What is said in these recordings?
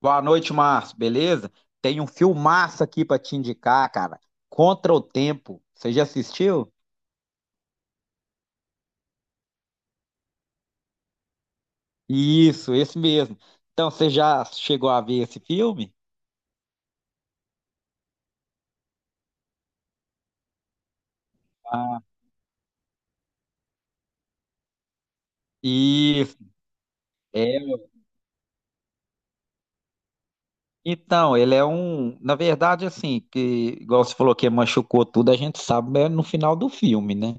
Boa noite, Márcio. Beleza? Tem um filmaço aqui pra te indicar, cara. Contra o Tempo. Você já assistiu? Isso, esse mesmo. Então, você já chegou a ver esse filme? Ah, isso. É. Então, ele é um. Na verdade, assim, que, igual você falou que machucou tudo, a gente sabe é no final do filme, né?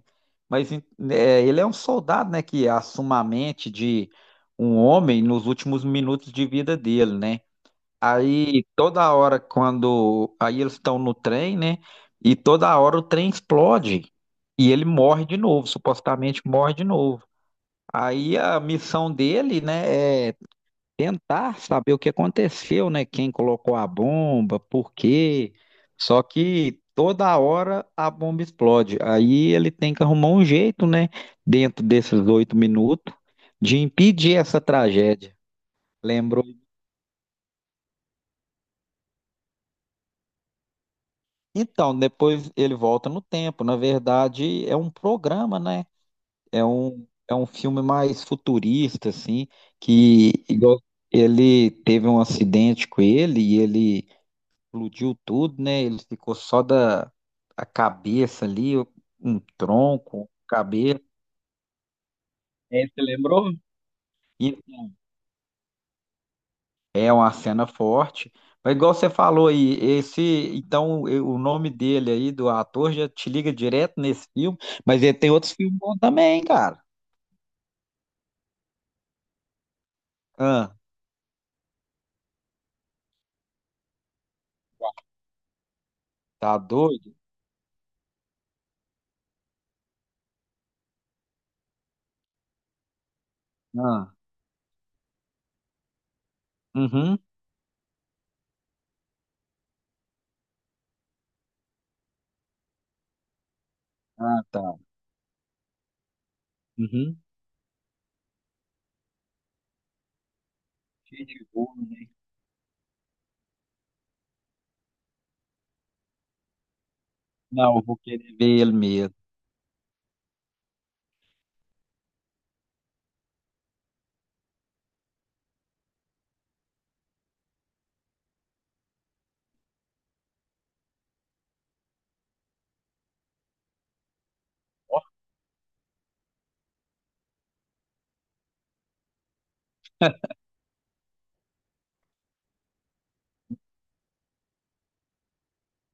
Mas em- é, ele é um soldado, né, que assume a mente de um homem nos últimos minutos de vida dele, né? Aí toda hora quando aí eles estão no trem, né? E toda hora o trem explode e ele morre de novo, supostamente morre de novo. Aí a missão dele, né, é tentar saber o que aconteceu, né? Quem colocou a bomba, por quê? Só que toda hora a bomba explode. Aí ele tem que arrumar um jeito, né, dentro desses 8 minutos, de impedir essa tragédia. Lembrou. Então, depois ele volta no tempo. Na verdade, é um programa, né? É um filme mais futurista, assim, que igual, ele teve um acidente com ele e ele explodiu tudo, né? Ele ficou só da a cabeça ali, um tronco, cabeça. É, você lembrou? É uma cena forte. Mas igual você falou aí, esse, o nome dele aí do ator já te liga direto nesse filme, mas ele tem outros filmes bons também, cara. Ah, tá doido? Ah, uhum. Ah, tá. Uhum. Cheio de gol, né? Não, eu vou querer ver ele mesmo.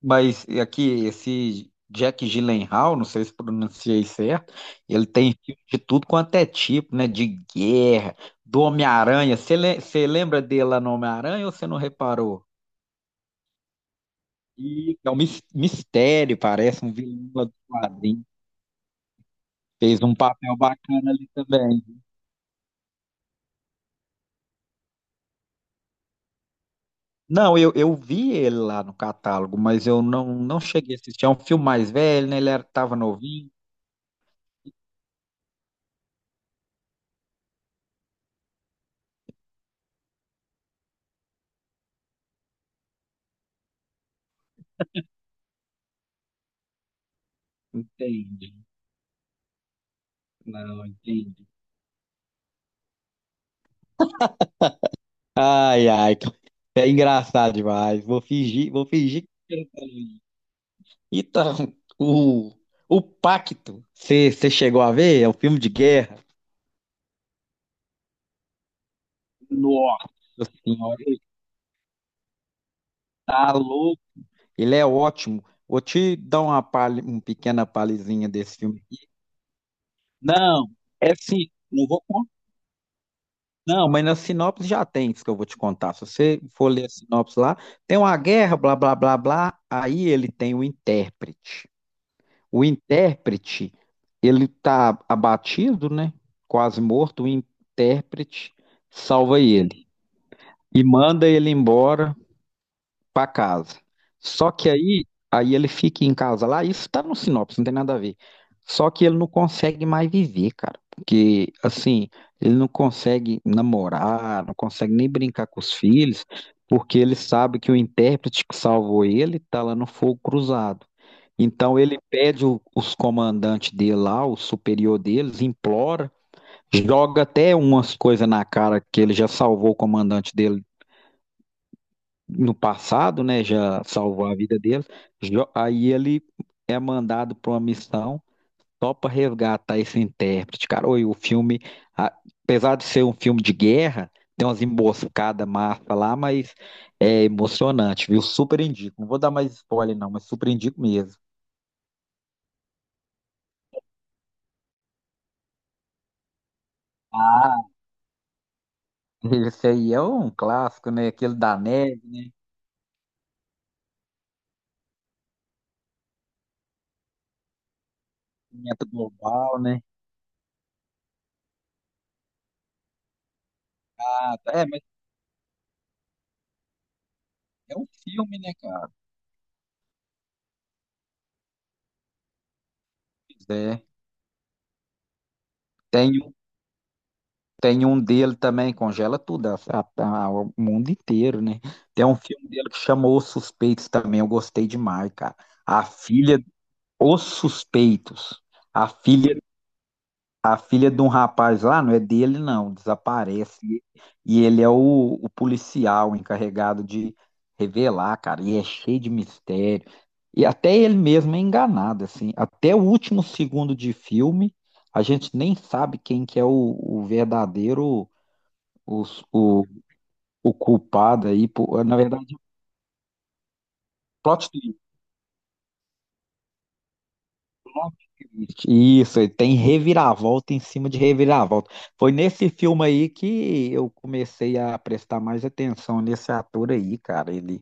Mas aqui, esse Jack Gyllenhaal, não sei se pronunciei certo, ele tem filme de tudo quanto é tipo, né? De guerra, do Homem-Aranha. Você lembra dele lá no Homem-Aranha ou você não reparou? E é um mistério, parece, um vilão lá do quadrinho. Fez um papel bacana ali também. Não, eu vi ele lá no catálogo, mas eu não, não cheguei a assistir. É um filme mais velho, né? Ele era, tava novinho. Entendi. Não, entendi. Ai, ai, é engraçado demais. Vou fingir que eu não falei. Então, o, o Pacto, você chegou a ver? É um filme de guerra. Nossa senhora, ele tá louco. Ele é ótimo. Vou te dar uma, palha, uma pequena palhinha desse filme. Não, é sim, não vou contar. Não, mas na sinopse já tem isso que eu vou te contar. Se você for ler a sinopse lá, tem uma guerra, blá, blá, blá, blá. Aí ele tem o intérprete. O intérprete, ele tá abatido, né? Quase morto. O intérprete salva ele e manda ele embora para casa. Só que aí, aí ele fica em casa lá, isso tá no sinopse, não tem nada a ver. Só que ele não consegue mais viver, cara. Porque, assim, ele não consegue namorar, não consegue nem brincar com os filhos, porque ele sabe que o intérprete que salvou ele tá lá no fogo cruzado. Então ele pede os comandantes dele lá, o superior deles, implora, joga até umas coisas na cara que ele já salvou o comandante dele no passado, né, já salvou a vida deles. Aí ele é mandado para uma missão só para resgatar esse intérprete, cara. Oi, o filme, a- apesar de ser um filme de guerra, tem umas emboscadas massa lá, mas é emocionante, viu? Super indico. Não vou dar mais spoiler não, mas super indico mesmo. Ah, esse aí é um clássico, né? Aquele da neve, né? Aquecimento global, né? Ah, tá. É, mas é um filme, né, cara? Pois é. Tem Tem um dele também, congela tudo, o mundo inteiro, né? Tem um filme dele que chamou Os Suspeitos também, eu gostei demais, cara. A filha, Os Suspeitos. A filha, a filha de um rapaz lá, não é dele não, desaparece. E ele é o policial encarregado de revelar, cara. E é cheio de mistério. E até ele mesmo é enganado, assim. Até o último segundo de filme, a gente nem sabe quem que é o verdadeiro o, o, o culpado aí, por na verdade, plot twist. Isso, ele tem reviravolta em cima de reviravolta. Foi nesse filme aí que eu comecei a prestar mais atenção nesse ator aí, cara. Ele,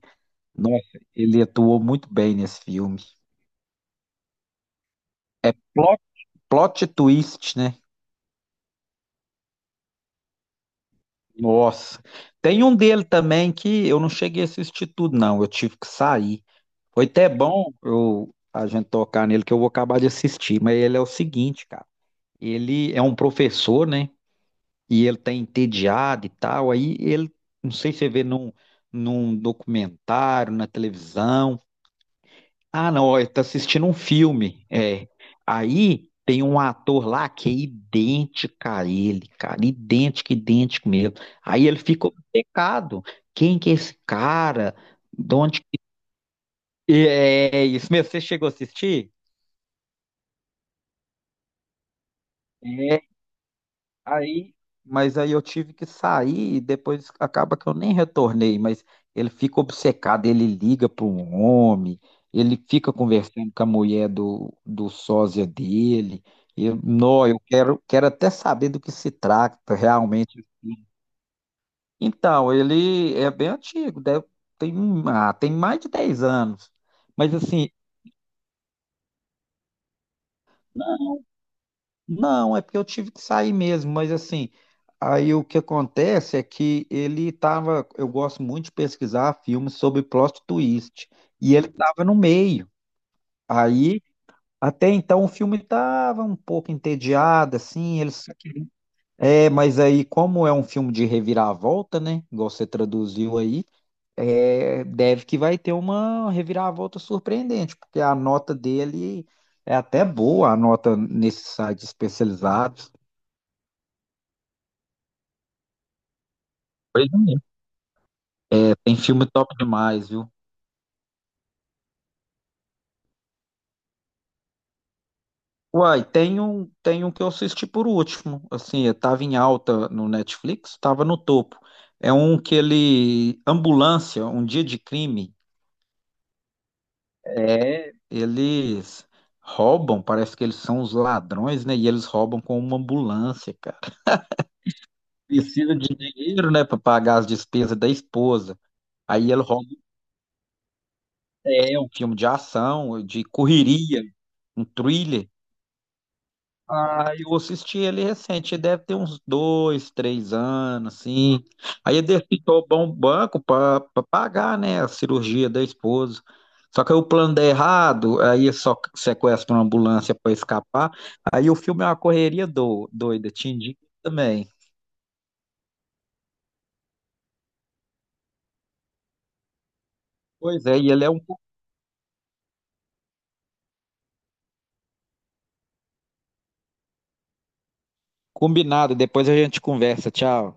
nossa, ele atuou muito bem nesse filme. É plot, plot twist, né? Nossa. Tem um dele também que eu não cheguei a assistir tudo, não. Eu tive que sair. Foi até bom eu, a gente tocar nele, que eu vou acabar de assistir. Mas ele é o seguinte, cara. Ele é um professor, né? E ele tá entediado e tal. Aí ele, não sei se você vê num, num documentário, na televisão. Ah, não, ele tá assistindo um filme. É. Aí tem um ator lá que é idêntico a ele, cara. Idêntico, idêntico mesmo. Aí ele fica obcecado. Quem que é esse cara? De onde que... É, isso mesmo. Você chegou a assistir? Aí, mas aí eu tive que sair e depois acaba que eu nem retornei, mas ele fica obcecado, ele liga para um homem, ele fica conversando com a mulher do sósia dele. Eu, não, eu quero, quero até saber do que se trata realmente. Então, ele é bem antigo, deve, tem, ah, tem mais de 10 anos. Mas assim, não, é porque eu tive que sair mesmo, mas assim, aí o que acontece é que ele tava, eu gosto muito de pesquisar filmes sobre plot twist, e ele tava no meio. Aí, até então o filme tava um pouco entediado, assim, ele é, mas aí como é um filme de reviravolta, né, igual você traduziu aí, é, deve que vai ter uma reviravolta surpreendente, porque a nota dele é até boa, a nota nesses sites especializados. Pois é. Tem filme top demais, viu? Uai, tem um que eu assisti por último. Assim, eu tava em alta no Netflix, tava no topo. É um que ele. Ambulância, um dia de crime. É, eles roubam, parece que eles são os ladrões, né? E eles roubam com uma ambulância, cara. Precisa de dinheiro, né, pra pagar as despesas da esposa. Aí ele rouba. É um filme de ação, de correria, um thriller. Ah, eu assisti ele recente, deve ter uns dois, três anos, assim. Aí ele depositou bom banco para pagar, né, a cirurgia da esposa. Só que aí o plano dá errado, aí é só sequestra uma ambulância para escapar. Aí o filme é uma correria do, doida, te indico também. Pois é, e ele é um combinado. Depois a gente conversa. Tchau.